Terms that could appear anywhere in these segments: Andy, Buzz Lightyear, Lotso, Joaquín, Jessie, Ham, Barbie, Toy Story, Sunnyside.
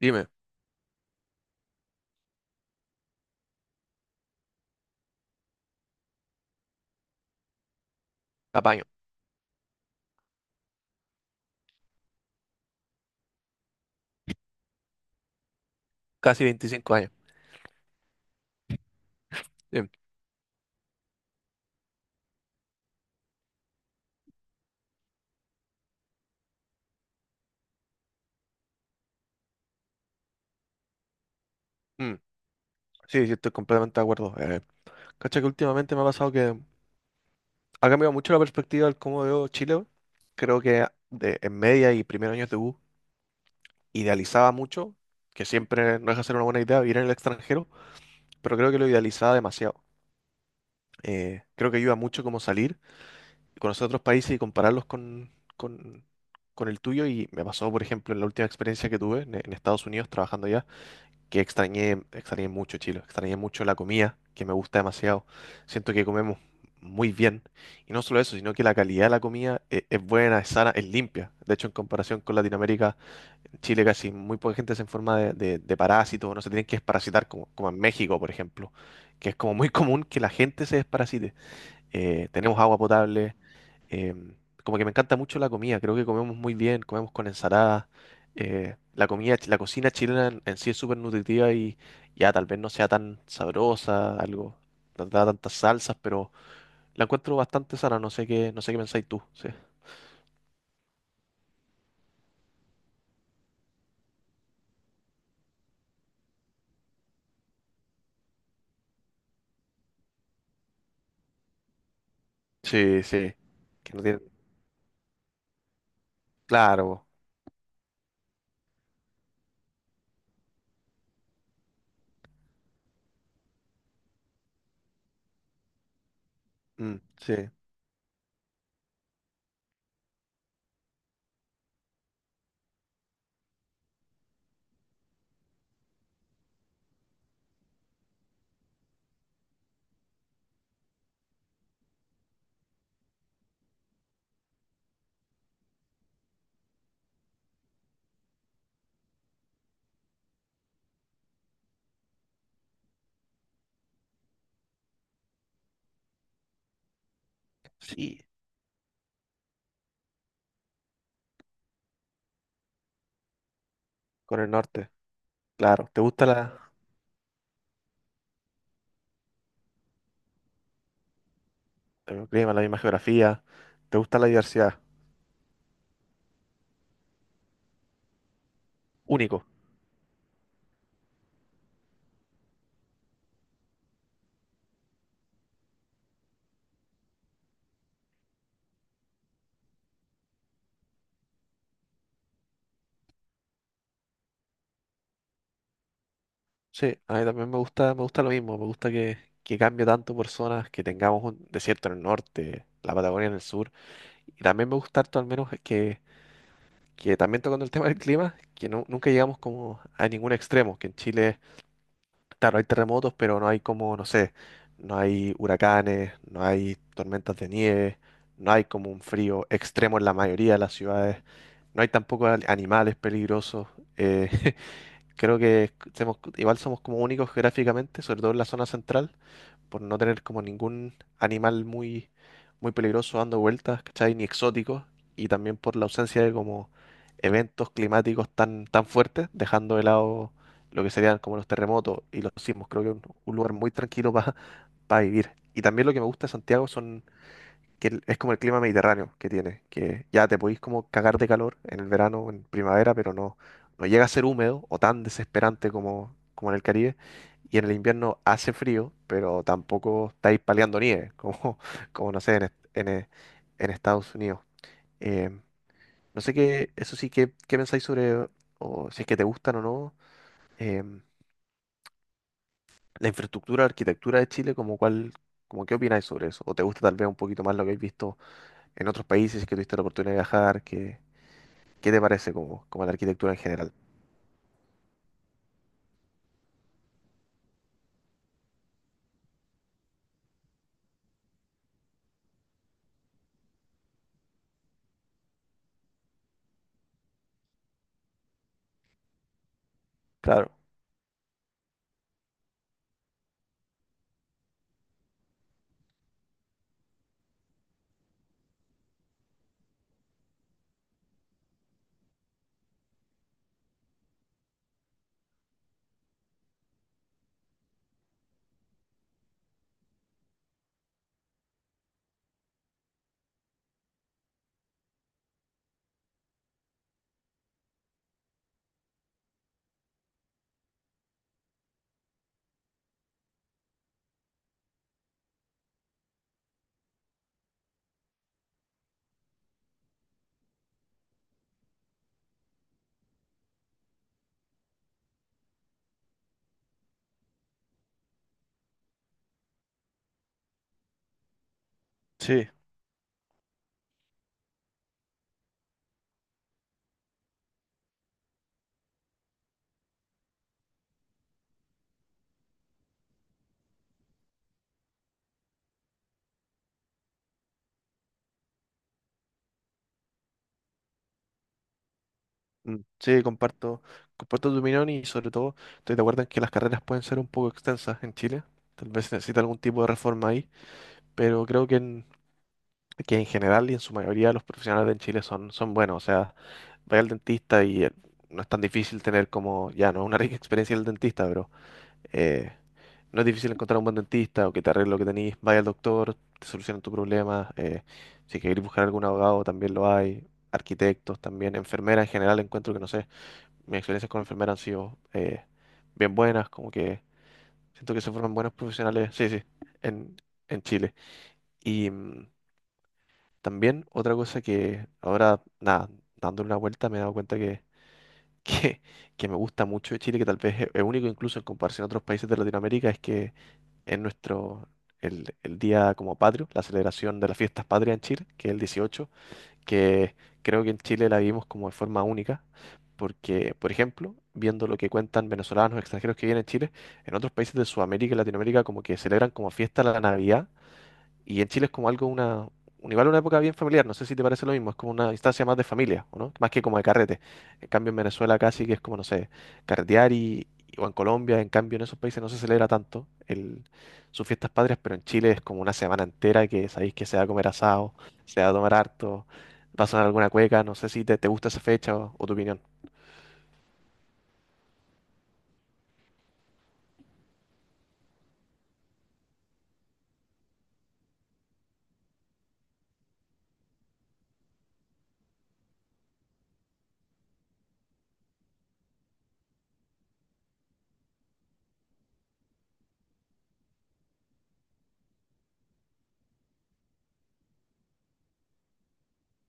Dime, apaño, casi 25 años. Dime, mm, sí, sí, estoy completamente de acuerdo. Cacha que últimamente me ha pasado que ha cambiado mucho la perspectiva del cómo veo Chile, weón. Creo que en media y primeros años de U idealizaba mucho, que siempre no deja de ser una buena idea vivir en el extranjero, pero creo que lo idealizaba demasiado. Creo que ayuda mucho como salir, conocer otros países y compararlos con, con el tuyo. Y me pasó, por ejemplo, en la última experiencia que tuve en Estados Unidos trabajando allá, que extrañé mucho Chile, extrañé mucho la comida, que me gusta demasiado. Siento que comemos muy bien. Y no solo eso, sino que la calidad de la comida es buena, es sana, es limpia. De hecho, en comparación con Latinoamérica, en Chile casi muy poca gente se enferma de parásitos, no se tienen que desparasitar, como en México, por ejemplo, que es como muy común que la gente se desparasite. Tenemos agua potable. Em, Como que me encanta mucho la comida, creo que comemos muy bien, comemos con ensaladas. La comida, la cocina chilena en sí es súper nutritiva y ya tal vez no sea tan sabrosa, algo, no da tantas salsas, pero la encuentro bastante sana, no sé qué, no sé qué pensáis tú, sí. Sí, sí. Que no tiene, claro, mm, sí, sí, con el norte, claro. ¿Te gusta la, el clima, la misma geografía? ¿Te gusta la diversidad? Único. Sí, a mí también me gusta lo mismo, me gusta que cambie tanto por zonas, que tengamos un desierto en el norte, la Patagonia en el sur, y también me gusta harto al menos que también tocando el tema del clima, que nunca llegamos como a ningún extremo, que en Chile, claro, hay terremotos, pero no hay como, no sé, no hay huracanes, no hay tormentas de nieve, no hay como un frío extremo en la mayoría de las ciudades, no hay tampoco animales peligrosos, eh, creo que igual somos como únicos geográficamente, sobre todo en la zona central, por no tener como ningún animal muy peligroso dando vueltas, ¿cachai? Ni exótico, y también por la ausencia de como eventos climáticos tan fuertes, dejando de lado lo que serían como los terremotos y los sismos. Creo que es un lugar muy tranquilo para vivir. Y también lo que me gusta de Santiago son que es como el clima mediterráneo que tiene, que ya te podís como cagar de calor en el verano, o en primavera, pero no, no llega a ser húmedo o tan desesperante como, como en el Caribe. Y en el invierno hace frío, pero tampoco estáis paleando nieve, como, como no sé, en Estados Unidos. Em, no sé qué, eso sí, qué, qué pensáis sobre, o si es que te gustan o no, em, la infraestructura, arquitectura de Chile, como cuál, como qué opináis sobre eso, ¿o te gusta tal vez un poquito más lo que habéis visto en otros países que tuviste la oportunidad de viajar? ¿Qué, qué te parece como, como la arquitectura en general? Claro, sí, mm, sí, comparto, comparto tu opinión y sobre todo estoy de acuerdo en que las carreras pueden ser un poco extensas en Chile. Tal vez se necesita algún tipo de reforma ahí, pero creo que en general y en su mayoría los profesionales en Chile son, son buenos. O sea, vaya al dentista y no es tan difícil tener como, ya no es una rica experiencia el dentista, pero Eh, no es difícil encontrar un buen dentista o que te arregle lo que tenés, vaya al doctor, te solucionan tu problema. Si querés buscar algún abogado, también lo hay. Arquitectos también, enfermeras en general, encuentro que no sé, mis experiencias con enfermeras han sido bien buenas, como que siento que se forman buenos profesionales, sí, sí, en, en Chile. Y mm, también otra cosa que ahora, nada, dándole una vuelta me he dado cuenta que, que, que me gusta mucho de Chile, que tal vez es único incluso en comparación a otros países de Latinoamérica, es que es nuestro, el día como patrio, la celebración de las fiestas patrias en Chile, que es el 18, que creo que en Chile la vivimos como de forma única, porque, por ejemplo, viendo lo que cuentan venezolanos extranjeros que vienen a Chile, en otros países de Sudamérica y Latinoamérica como que celebran como fiesta la Navidad y en Chile es como algo, una, igual una época bien familiar, no sé si te parece lo mismo, es como una instancia más de familia, ¿o no? Más que como de carrete. En cambio en Venezuela casi que es como, no sé, carretear y, o en Colombia, en cambio en esos países no se celebra tanto el, sus fiestas patrias, pero en Chile es como una semana entera que sabéis que se va a comer asado, se va a tomar harto, va a sonar alguna cueca, no sé si te, te gusta esa fecha o tu opinión.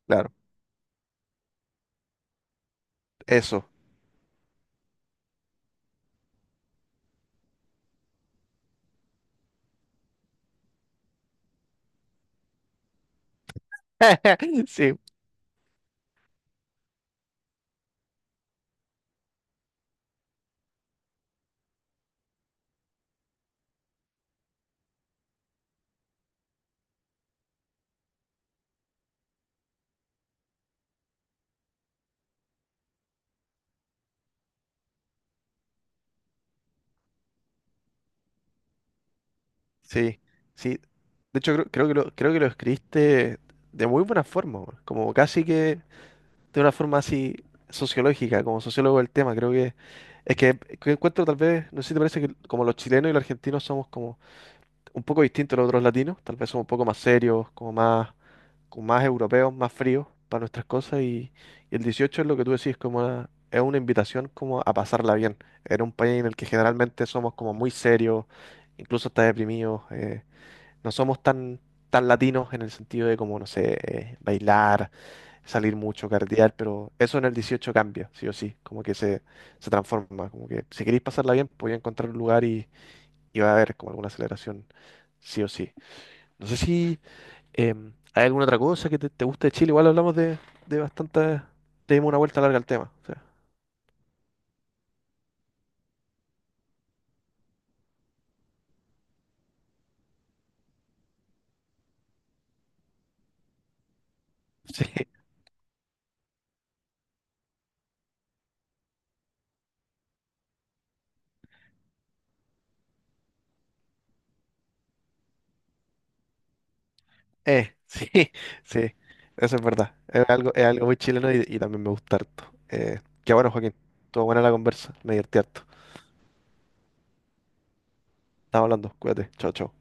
Claro, eso. Sí, sí, sí. De hecho, creo, creo que lo escribiste de muy buena forma, weón. Como casi que de una forma así sociológica, como sociólogo del tema. Creo que es que encuentro tal vez, no sé si te parece que como los chilenos y los argentinos somos como un poco distintos a los otros latinos, tal vez somos un poco más serios, como más europeos, más fríos para nuestras cosas y el 18 es lo que tú decís, como es una invitación como a pasarla bien. Era un país en el que generalmente somos como muy serios, incluso hasta deprimidos. No somos tan latinos en el sentido de como, no sé, bailar, salir mucho, cardear, pero eso en el 18 cambia, sí o sí, como que se transforma, como que si queréis pasarla bien, podéis encontrar un lugar y va a haber como alguna celebración, sí o sí. No sé si hay alguna otra cosa que te guste de Chile, igual hablamos de bastante, te dimos una vuelta larga al tema, o sea, sí. Sí, sí, eso es verdad. Es algo muy chileno y también me gusta harto. Qué bueno, Joaquín. Estuvo buena la conversa, me divertí harto. Estamos hablando, cuídate, chao, chao.